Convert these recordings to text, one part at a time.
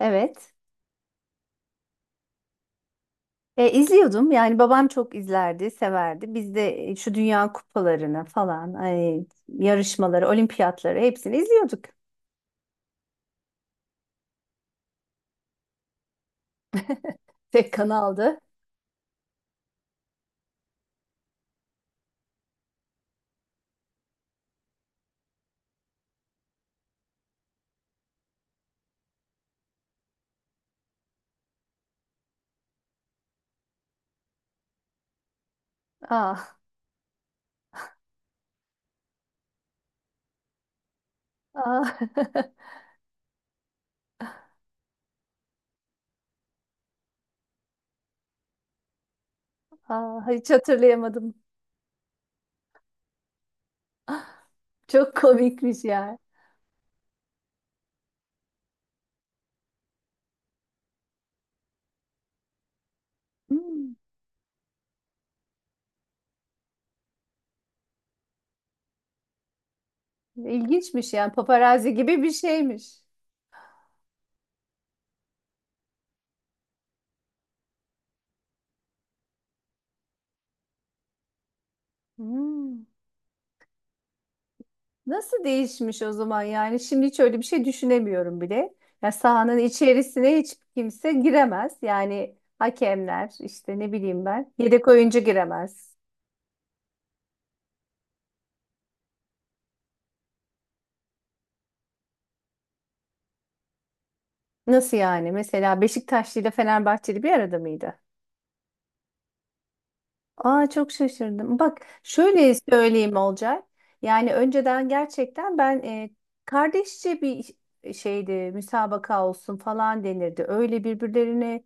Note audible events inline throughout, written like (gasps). Evet. İzliyordum. Yani babam çok izlerdi, severdi. Biz de şu dünya kupalarını falan, ay, yarışmaları, olimpiyatları hepsini izliyorduk. (laughs) Tek kanaldı. Aa, aa, (laughs) hiç hatırlayamadım. Çok komikmiş ya. Hmm, İlginçmiş yani paparazzi gibi bir şeymiş. Hmm. Nasıl değişmiş o zaman yani? Şimdi hiç öyle bir şey düşünemiyorum bile. Ya sahanın içerisine hiç kimse giremez. Yani hakemler işte ne bileyim ben. Yedek oyuncu giremez. Nasıl yani? Mesela Beşiktaşlı ile Fenerbahçeli bir arada mıydı? Aa, çok şaşırdım. Bak şöyle söyleyeyim Olcay. Yani önceden gerçekten ben kardeşçe bir şeydi müsabaka olsun falan denirdi. Öyle birbirlerine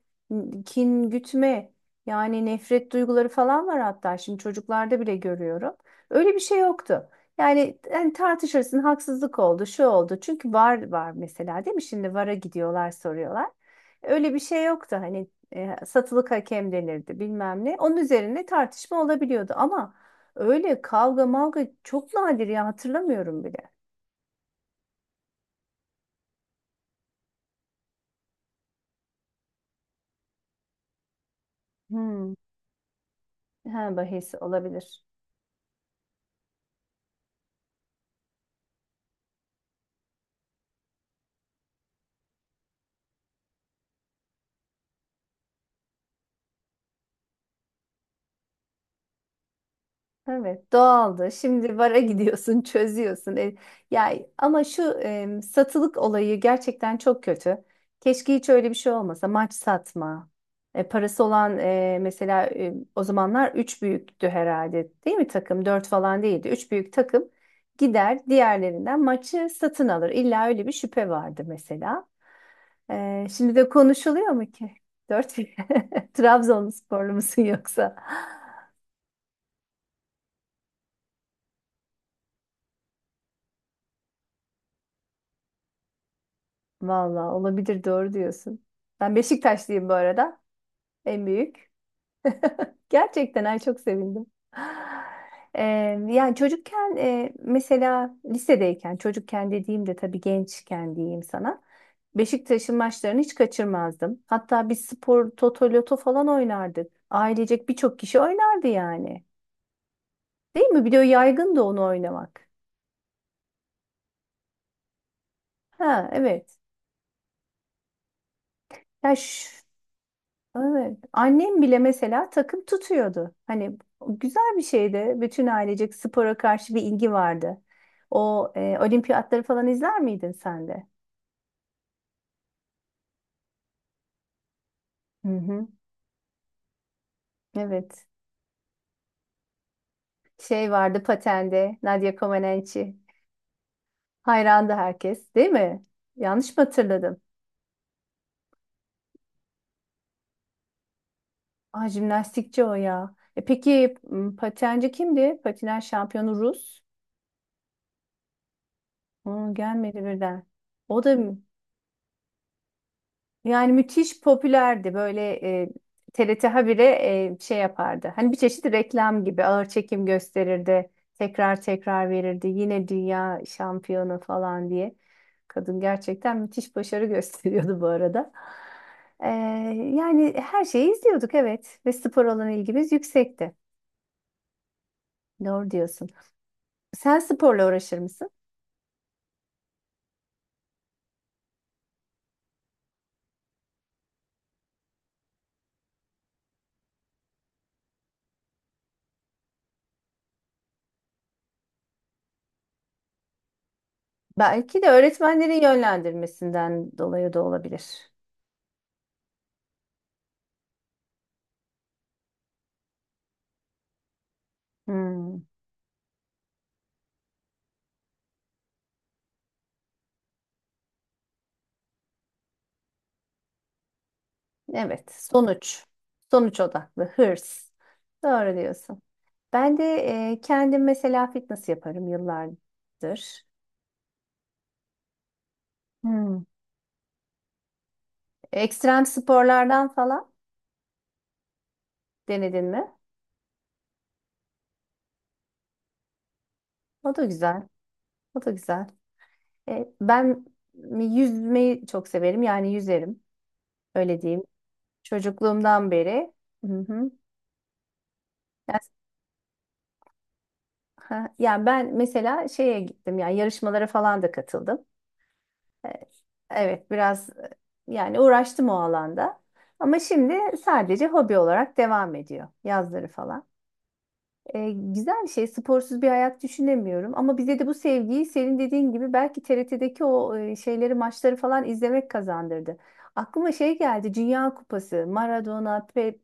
kin gütme yani nefret duyguları falan var hatta şimdi çocuklarda bile görüyorum. Öyle bir şey yoktu. Yani tartışırsın haksızlık oldu şu oldu. Çünkü var var mesela değil mi? Şimdi VAR'a gidiyorlar soruyorlar. Öyle bir şey yoktu. Hani satılık hakem denirdi bilmem ne. Onun üzerine tartışma olabiliyordu ama öyle kavga mavga çok nadir ya hatırlamıyorum bile. Hmm. Ha, bahis olabilir. Evet, doğaldı. Şimdi bara gidiyorsun, (laughs) çözüyorsun. Ya ama şu satılık olayı gerçekten çok kötü. Keşke hiç öyle bir şey olmasa. Maç satma. Parası olan mesela o zamanlar 3 büyüktü herhalde. Değil mi takım? 4 falan değildi. Üç büyük takım gider diğerlerinden maçı satın alır. İlla öyle bir şüphe vardı mesela. E, şimdi de konuşuluyor mu ki? 4 (laughs) Trabzonsporlu musun yoksa? Valla olabilir doğru diyorsun. Ben Beşiktaşlıyım bu arada. En büyük. Gerçekten ay çok sevindim. (gasps) (sighs) Ee, yani çocukken mesela lisedeyken çocukken dediğim de tabii gençken diyeyim sana. Beşiktaş'ın maçlarını hiç kaçırmazdım. Hatta biz spor toto loto falan oynardık. Ailecek birçok kişi oynardı yani. Değil mi? Bir de o yaygındı onu oynamak. Ha evet. Ya şu- Evet. Annem bile mesela takım tutuyordu. Hani güzel bir şeydi. Bütün ailecek spora karşı bir ilgi vardı. O olimpiyatları falan izler miydin sen de? Hı hı. Evet. Şey vardı patende. Nadia Comaneci. Hayrandı herkes, değil mi? Yanlış mı hatırladım? Aa, jimnastikçi o ya. Peki patenci kimdi? Patinaj şampiyonu Rus. Aa, gelmedi birden. O da Hı. Yani müthiş popülerdi böyle e, TRT habire şey yapardı. Hani bir çeşit reklam gibi ağır çekim gösterirdi. Tekrar tekrar verirdi. Yine dünya şampiyonu falan diye. Kadın gerçekten müthiş başarı (laughs) gösteriyordu bu arada. E, Yani her şeyi izliyorduk evet ve spor olan ilgimiz yüksekti. Doğru diyorsun. Sen sporla uğraşır mısın? Belki de öğretmenlerin yönlendirmesinden dolayı da olabilir. Hmm, evet, sonuç. Sonuç odaklı, hırs. Doğru diyorsun. Ben de kendim mesela fitness yaparım yıllardır. Hmm. Ekstrem sporlardan falan denedin mi? O da güzel. O da güzel. Ben yüzmeyi çok severim. Yani yüzerim. Öyle diyeyim. Çocukluğumdan beri. Hı hı. Ha, yani ben mesela şeye gittim yani yarışmalara falan da katıldım. E, Evet biraz, yani uğraştım o alanda. Ama şimdi sadece hobi olarak devam ediyor yazları falan. Güzel bir şey sporsuz bir hayat düşünemiyorum. Ama bize de bu sevgiyi senin dediğin gibi belki TRT'deki o e, şeyleri maçları falan izlemek kazandırdı. Aklıma şey geldi Dünya Kupası, Maradona,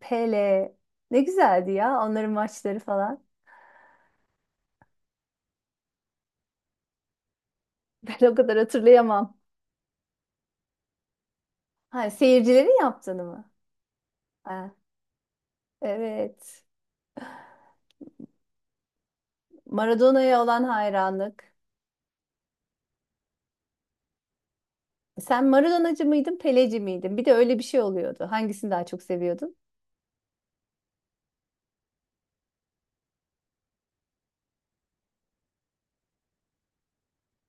Pele ne güzeldi ya onların maçları falan. (laughs) Ben o kadar hatırlayamam. Ha, seyircilerin yaptığını mı? Ha, evet. Maradona'ya olan hayranlık. Sen Maradonacı mıydın, Peleci miydin? Bir de öyle bir şey oluyordu. Hangisini daha çok seviyordun?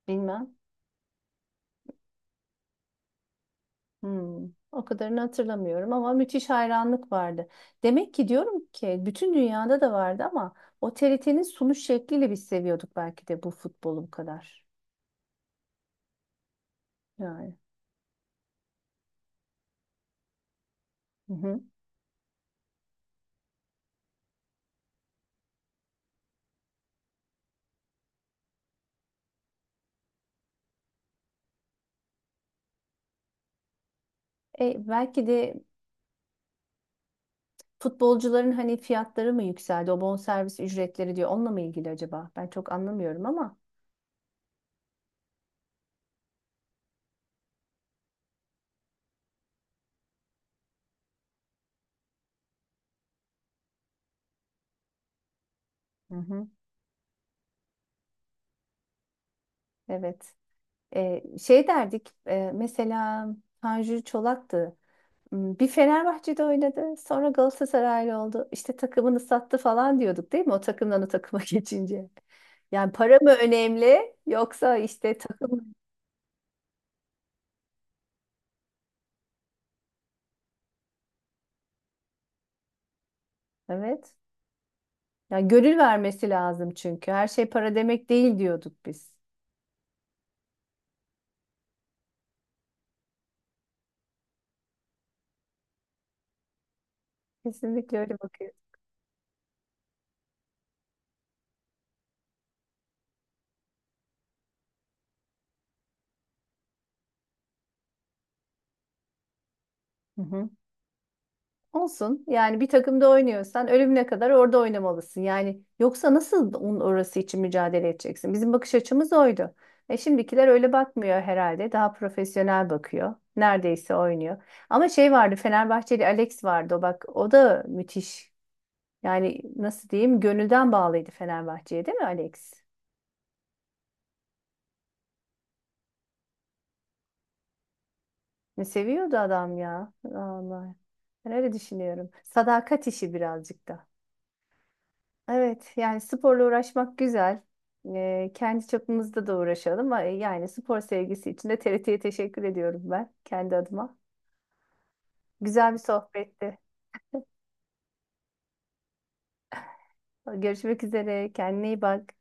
Bilmem. Hmm, o kadarını hatırlamıyorum ama müthiş hayranlık vardı. Demek ki diyorum ki bütün dünyada da vardı ama o TRT'nin sunuş şekliyle biz seviyorduk belki de bu futbolu bu kadar. Yani. Hı hı. Belki de futbolcuların hani fiyatları mı yükseldi? O bonservis ücretleri diyor. Onunla mı ilgili acaba? Ben çok anlamıyorum ama. Hı hı. Evet. Şey derdik. Mesela Tanju Çolak'tı. Hmm, bir Fenerbahçe'de oynadı. Sonra Galatasaraylı oldu. İşte takımını sattı falan diyorduk değil mi? O takımdan o takıma (laughs) geçince. Yani para mı önemli yoksa işte takım. Evet. Yani gönül vermesi lazım çünkü. Her şey para demek değil diyorduk biz. Kesinlikle öyle bakıyoruz. Hı hı. Olsun. Yani bir takımda oynuyorsan ölümüne kadar orada oynamalısın. Yani yoksa nasıl onun orası için mücadele edeceksin? Bizim bakış açımız oydu. E şimdikiler öyle bakmıyor herhalde. Daha profesyonel bakıyor. Neredeyse oynuyor. Ama şey vardı Fenerbahçeli Alex vardı. O bak o da müthiş. Yani nasıl diyeyim gönülden bağlıydı Fenerbahçe'ye değil mi Alex? Ne seviyordu adam ya. Allah. Ben öyle düşünüyorum. Sadakat işi birazcık da. Evet, yani sporla uğraşmak güzel. Kendi çapımızda da uğraşalım. Ama yani spor sevgisi için de TRT'ye teşekkür ediyorum ben kendi adıma. Güzel bir sohbetti. Görüşmek üzere. Kendine iyi bak.